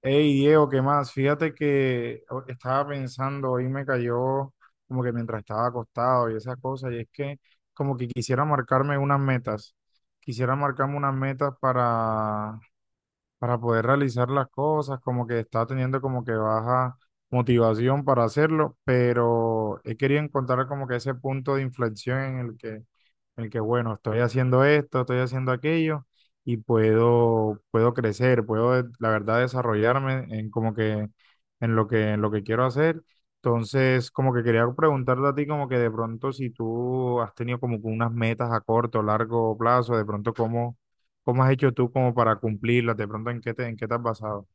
Hey Diego, ¿qué más? Fíjate que estaba pensando, hoy me cayó como que mientras estaba acostado y esas cosas, y es que como que quisiera marcarme unas metas, quisiera marcarme unas metas para poder realizar las cosas, como que está teniendo como que baja motivación para hacerlo, pero he querido encontrar como que ese punto de inflexión en el que bueno, estoy haciendo esto, estoy haciendo aquello y puedo crecer, la verdad desarrollarme en como que en lo que quiero hacer. Entonces, como que quería preguntarte a ti como que de pronto si tú has tenido como que unas metas a corto o largo plazo, de pronto cómo ¿Cómo has hecho tú como para cumplirlas? ¿De pronto en qué te has basado?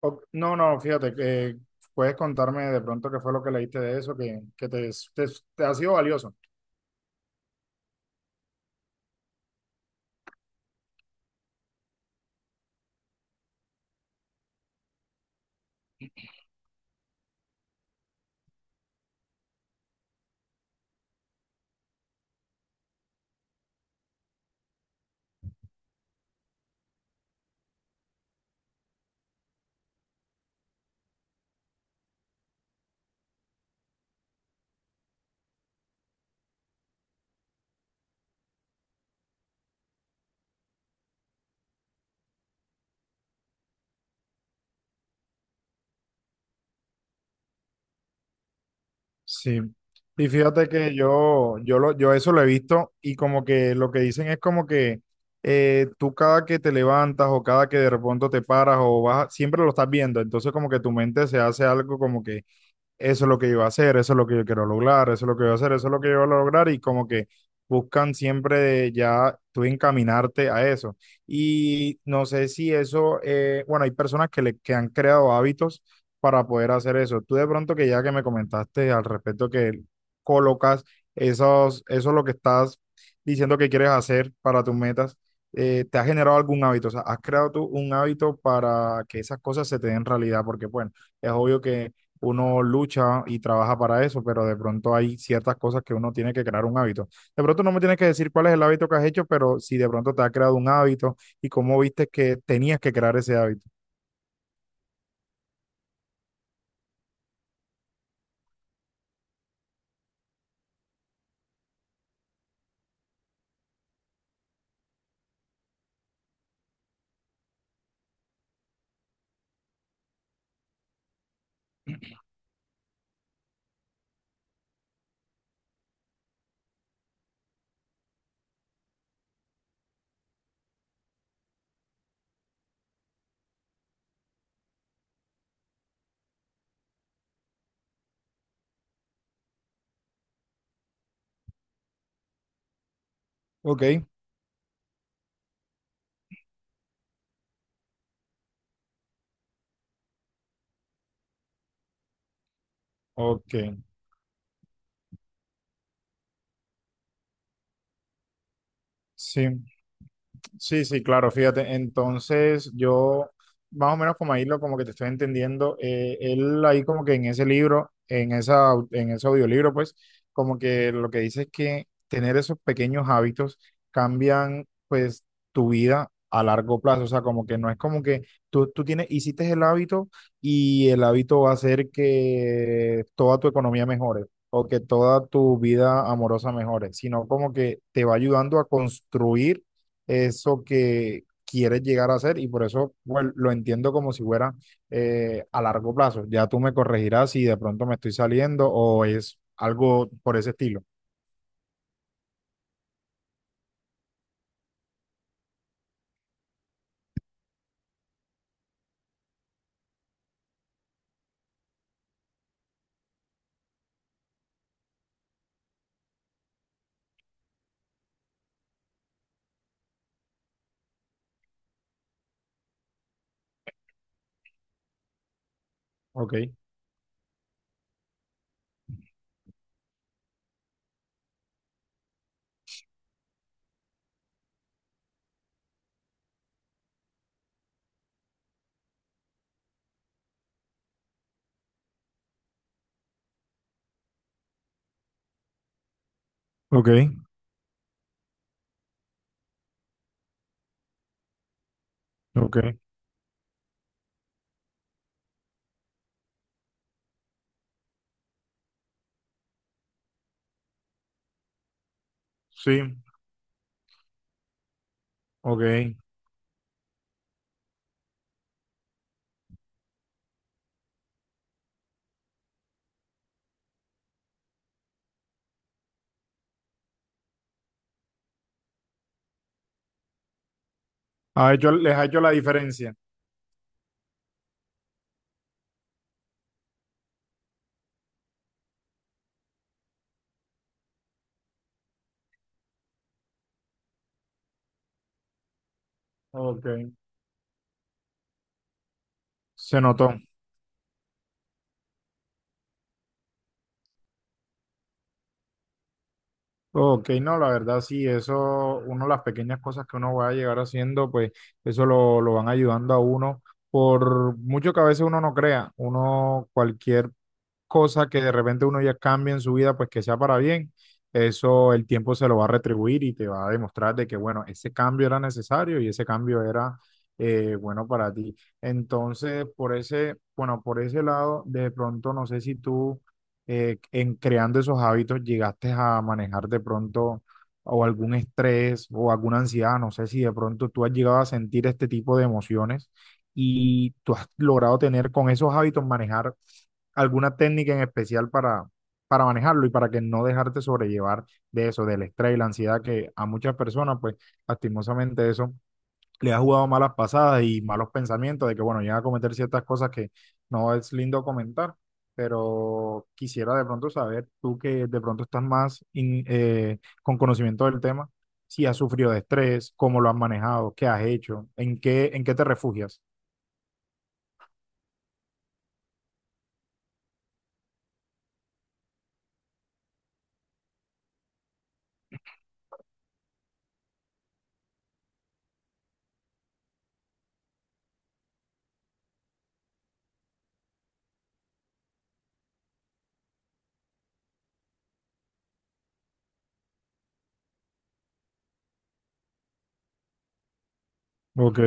No, no, fíjate, que puedes contarme de pronto qué fue lo que leíste de eso, te, te ha sido valioso. Sí. Y fíjate que yo eso lo he visto y como que lo que dicen es como que tú cada que te levantas o cada que de pronto te paras o vas, siempre lo estás viendo. Entonces como que tu mente se hace algo como que eso es lo que yo voy a hacer, eso es lo que yo quiero lograr, eso es lo que yo voy a hacer, eso es lo que yo voy a lograr y como que buscan siempre ya tú encaminarte a eso. Y no sé si eso, bueno, hay personas que han creado hábitos para poder hacer eso. Tú de pronto que ya que me comentaste al respecto que colocas esos, eso lo que estás diciendo que quieres hacer para tus metas, ¿te ha generado algún hábito? O sea, ¿has creado tú un hábito para que esas cosas se te den realidad? Porque bueno, es obvio que uno lucha y trabaja para eso, pero de pronto hay ciertas cosas que uno tiene que crear un hábito. De pronto no me tienes que decir cuál es el hábito que has hecho, pero si de pronto te has creado un hábito y cómo viste que tenías que crear ese hábito. Ok, ok, sí. Sí, sí, claro, fíjate. Entonces, yo, más o menos como ahí lo como que te estoy entendiendo, él ahí como que en ese libro, en en ese audiolibro, pues, como que lo que dice es que tener esos pequeños hábitos cambian, pues, tu vida a largo plazo. O sea, como que no es como que tú tienes, hiciste el hábito y el hábito va a hacer que toda tu economía mejore o que toda tu vida amorosa mejore, sino como que te va ayudando a construir eso que quieres llegar a hacer y por eso bueno, lo entiendo como si fuera a largo plazo. Ya tú me corregirás si de pronto me estoy saliendo o es algo por ese estilo. Ok, ok, ok. Sí, ok. Ha hecho, les ha hecho la diferencia. Ok, se notó. Ok, no, la verdad sí, eso, uno, las pequeñas cosas que uno va a llegar haciendo, pues eso lo van ayudando a uno, por mucho que a veces uno no crea, uno, cualquier cosa que de repente uno ya cambia en su vida, pues que sea para bien, eso el tiempo se lo va a retribuir y te va a demostrar de que, bueno, ese cambio era necesario y ese cambio era bueno para ti. Entonces, por ese, bueno, por ese lado, de pronto no sé si tú en creando esos hábitos llegaste a manejar de pronto o algún estrés o alguna ansiedad, no sé si de pronto tú has llegado a sentir este tipo de emociones y tú has logrado tener con esos hábitos manejar alguna técnica en especial para manejarlo y para que no dejarte sobrellevar de eso, del estrés y la ansiedad que a muchas personas, pues lastimosamente eso le ha jugado malas pasadas y malos pensamientos de que, bueno, llega a cometer ciertas cosas que no es lindo comentar, pero quisiera de pronto saber, tú que de pronto estás más con conocimiento del tema, si has sufrido de estrés, cómo lo has manejado, qué has hecho, en qué te refugias. Ok,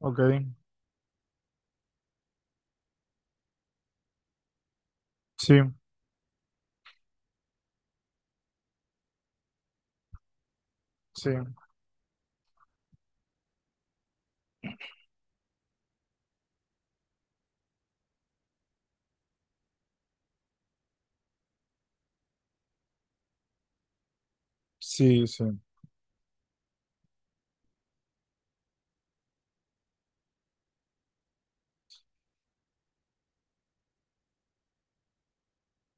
ok, sí, sí, sí, sí.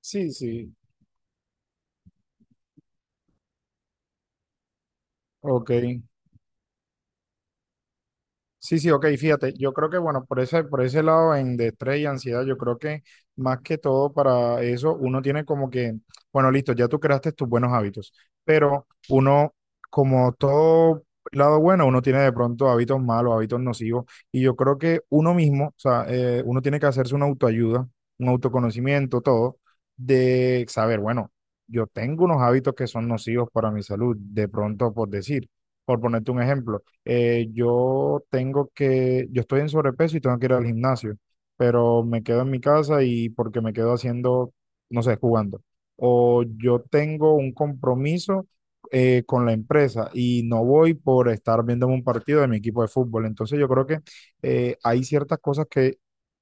Sí, sí, ok. Sí, sí, ok, fíjate, yo creo que bueno, por ese lado en de estrés y ansiedad, yo creo que más que todo para eso, uno tiene como que, bueno, listo, ya tú creaste tus buenos hábitos, pero uno, como todo lado bueno, uno tiene de pronto hábitos malos, hábitos nocivos, y yo creo que uno mismo, o sea, uno tiene que hacerse una autoayuda, un autoconocimiento, todo, de saber, bueno, yo tengo unos hábitos que son nocivos para mi salud, de pronto por decir, por ponerte un ejemplo yo tengo yo estoy en sobrepeso y tengo que ir al gimnasio, pero me quedo en mi casa y porque me quedo haciendo, no sé, jugando. O yo tengo un compromiso con la empresa y no voy por estar viendo un partido de mi equipo de fútbol. Entonces yo creo que hay ciertas cosas que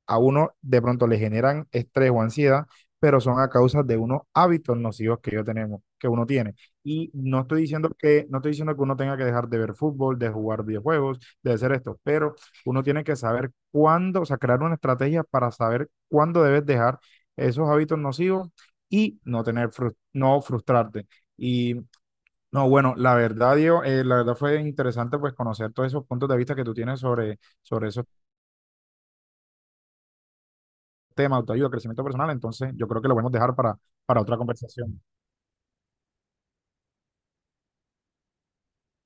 a uno de pronto le generan estrés o ansiedad, pero son a causa de unos hábitos nocivos que yo tenemos, que uno tiene. Y no estoy diciendo que uno tenga que dejar de ver fútbol, de jugar videojuegos, de hacer esto, pero uno tiene que saber cuándo, o sea, crear una estrategia para saber cuándo debes dejar esos hábitos nocivos y no tener, no frustrarte. Y no, bueno, la verdad, Diego, la verdad fue interesante pues conocer todos esos puntos de vista que tú tienes sobre esos temas, autoayuda, crecimiento personal. Entonces, yo creo que lo podemos dejar para otra conversación.